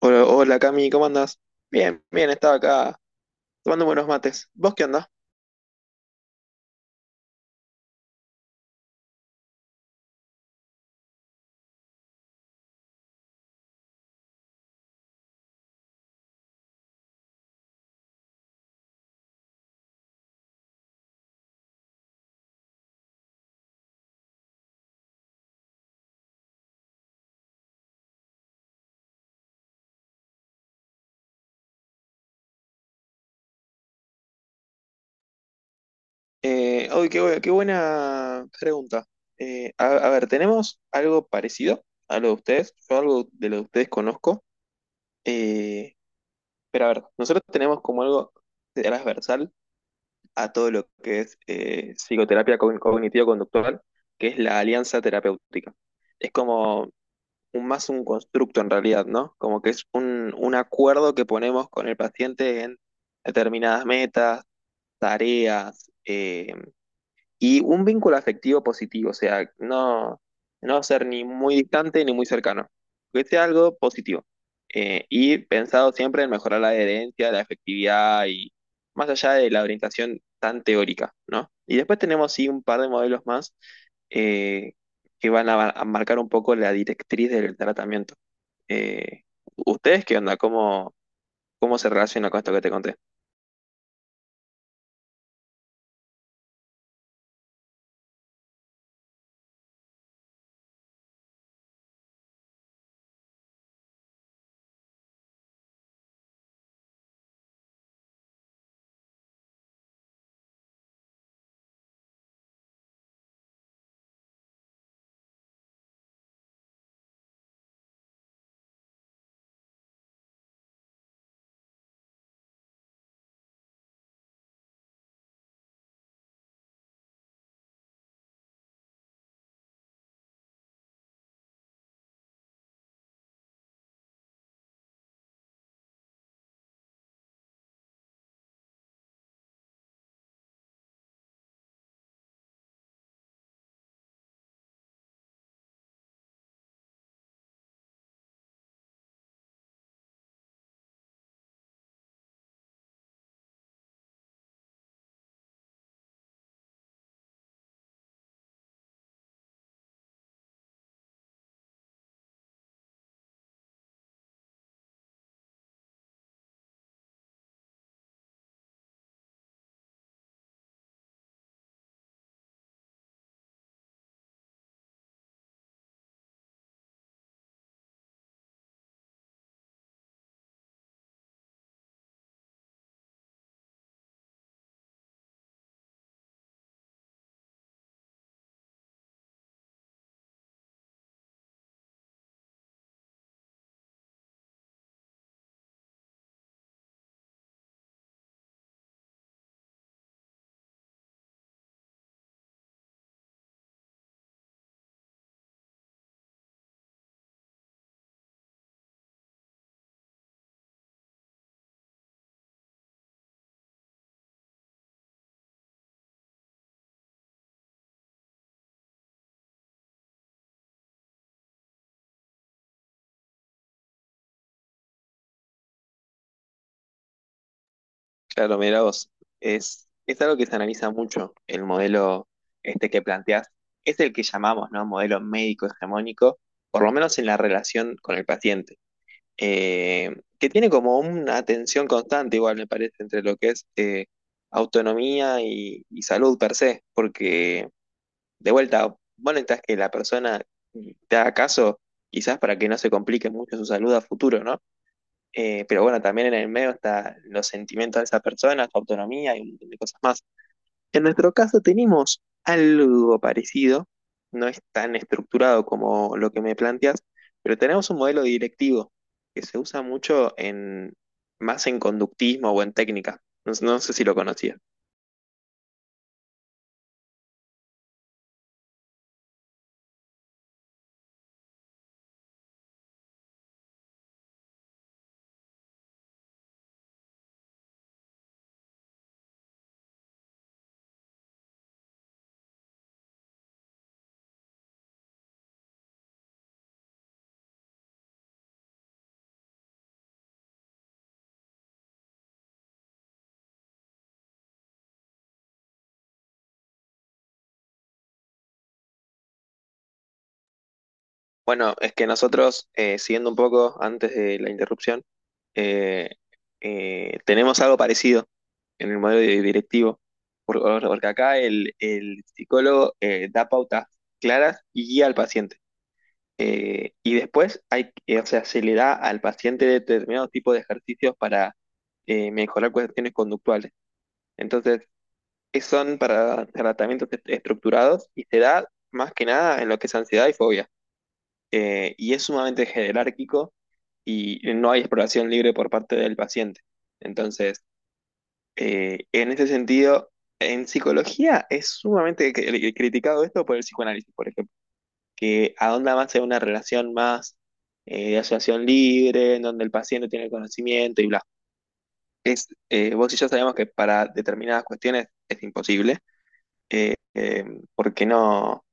Hola, hola, Cami, ¿cómo andas? Bien, bien, estaba acá tomando buenos mates. ¿Vos qué andás? Uy, qué, qué buena pregunta. A ver, ¿tenemos algo parecido a lo de ustedes? Yo algo de lo de ustedes conozco. Eh, pero a ver, nosotros tenemos como algo transversal a todo lo que es psicoterapia cognitivo-conductual, que es la alianza terapéutica. Es como un, más un constructo en realidad, ¿no? Como que es un acuerdo que ponemos con el paciente en determinadas metas, tareas, y un vínculo afectivo positivo, o sea, no, no ser ni muy distante ni muy cercano, que sea algo positivo. Y pensado siempre en mejorar la adherencia, la efectividad y más allá de la orientación tan teórica, ¿no? Y después tenemos sí un par de modelos más eh, que van a marcar un poco la directriz del tratamiento. Eh, ¿Ustedes qué onda? ¿Cómo, cómo se relaciona con esto que te conté? Claro, mira vos, es algo que se analiza mucho, el modelo este que planteás, es el que llamamos, ¿no? Modelo médico hegemónico, por lo menos en la relación con el paciente. Eh, que tiene como una tensión constante, igual me parece, entre lo que es autonomía y salud per se, porque de vuelta, vos necesitas que la persona te haga caso, quizás para que no se complique mucho su salud a futuro, ¿no? Pero bueno, también en el medio está los sentimientos de esa persona, su autonomía y un montón de cosas más. En nuestro caso tenemos algo parecido, no es tan estructurado como lo que me planteas, pero tenemos un modelo directivo que se usa mucho en, más en conductismo o en técnica. No, no sé si lo conocías. Bueno, es que nosotros, siguiendo un poco antes de la interrupción, eh, tenemos algo parecido en el modelo directivo, porque acá el psicólogo da pautas claras y guía al paciente. Y después hay, o sea, se le da al paciente determinado tipo de ejercicios para mejorar cuestiones conductuales. Entonces, son para tratamientos estructurados y se da más que nada en lo que es ansiedad y fobia, y es sumamente jerárquico y no hay exploración libre por parte del paciente. Entonces, en ese sentido, en psicología es sumamente criticado esto por el psicoanálisis, por ejemplo, que ahonda más en una relación más de asociación libre, en donde el paciente tiene el conocimiento y bla. Es, vos y yo sabemos que para determinadas cuestiones es imposible, eh, eh, porque no,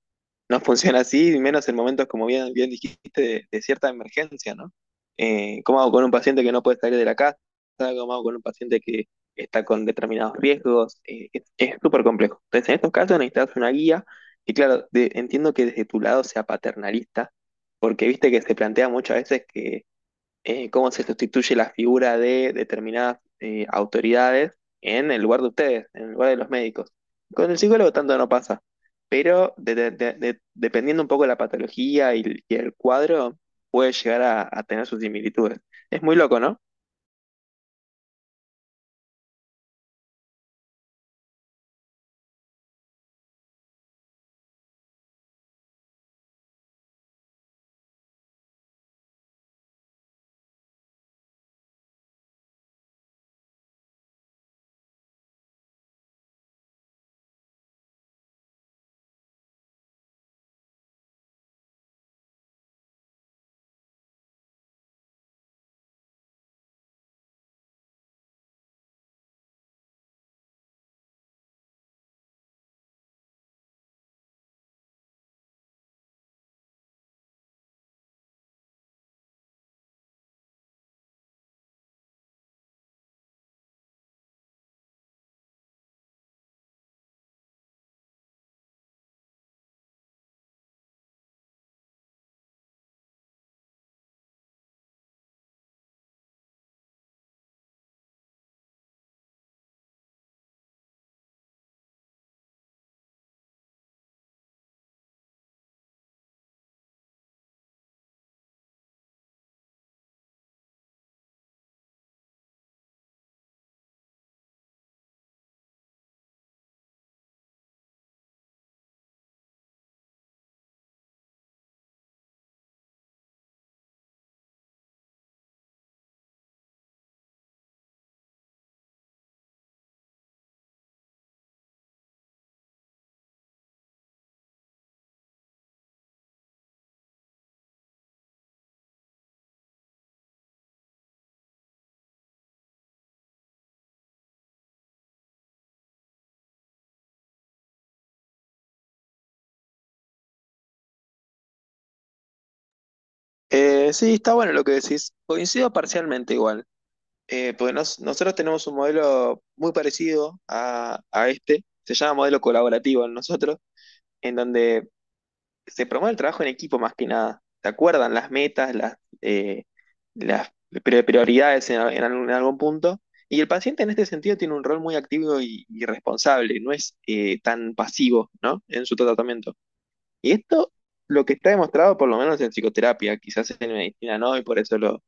no funciona así, y menos en momentos, como bien, bien dijiste, de cierta emergencia, ¿no? ¿Cómo hago con un paciente que no puede salir de la casa? ¿Cómo hago con un paciente que está con determinados riesgos? Es súper complejo. Entonces, en estos casos necesitas una guía, y claro, de- entiendo que desde tu lado sea paternalista, porque viste que se plantea muchas veces que cómo se sustituye la figura de determinadas autoridades en el lugar de ustedes, en el lugar de los médicos. Con el psicólogo tanto no pasa, pero dependiendo un poco de la patología y el cuadro, puede llegar a tener sus similitudes. Es muy loco, ¿no? Sí, está bueno lo que decís. Coincido parcialmente igual, porque nosotros tenemos un modelo muy parecido a este, se llama modelo colaborativo en nosotros, en donde se promueve el trabajo en equipo más que nada. Se acuerdan las metas, eh, las prioridades en algún, ¿en algún punto? Y el paciente en este sentido tiene un rol muy activo y responsable, no es tan pasivo, ¿no?, en su tratamiento. Y esto lo que está demostrado por lo menos en psicoterapia, quizás en medicina no, y por eso lo,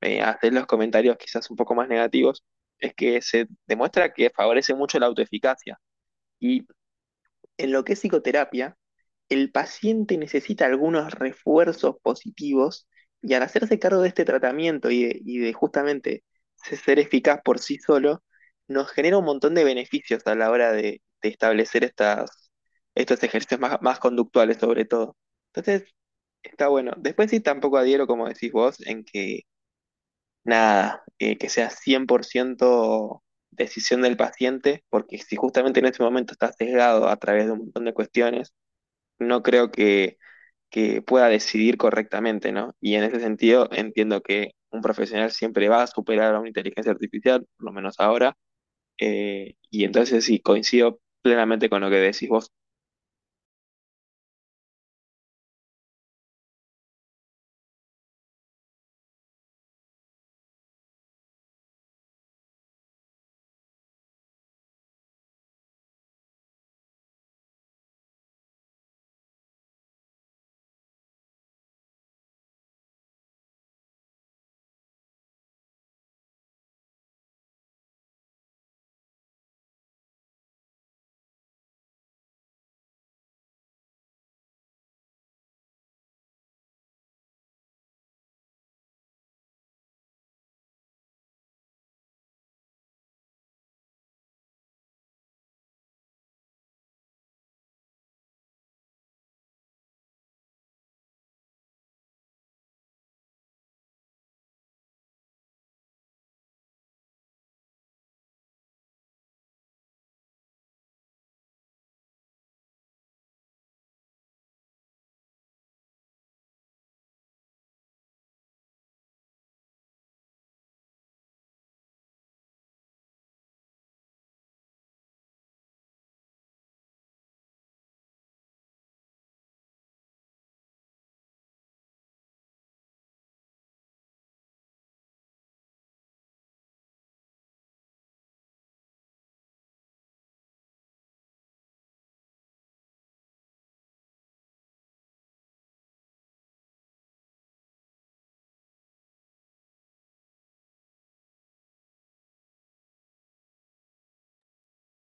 hacer los comentarios quizás un poco más negativos, es que se demuestra que favorece mucho la autoeficacia. Y en lo que es psicoterapia, el paciente necesita algunos refuerzos positivos y al hacerse cargo de este tratamiento y de justamente ser eficaz por sí solo, nos genera un montón de beneficios a la hora de establecer estas, estos ejercicios más, más conductuales sobre todo. Entonces, está bueno. Después sí tampoco adhiero, como decís vos, en que nada, que sea 100% decisión del paciente, porque si justamente en este momento está sesgado a través de un montón de cuestiones, no creo que pueda decidir correctamente, ¿no? Y en ese sentido entiendo que un profesional siempre va a superar a una inteligencia artificial, por lo menos ahora, y entonces sí, coincido plenamente con lo que decís vos.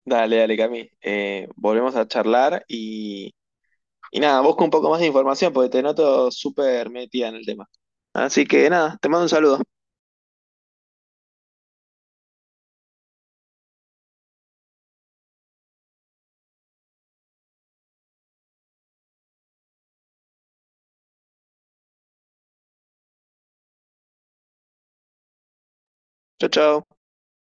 Dale, dale, Cami, volvemos a charlar y nada, busco un poco más de información porque te noto súper metida en el tema. Así que nada, te mando un saludo. Chau, chau.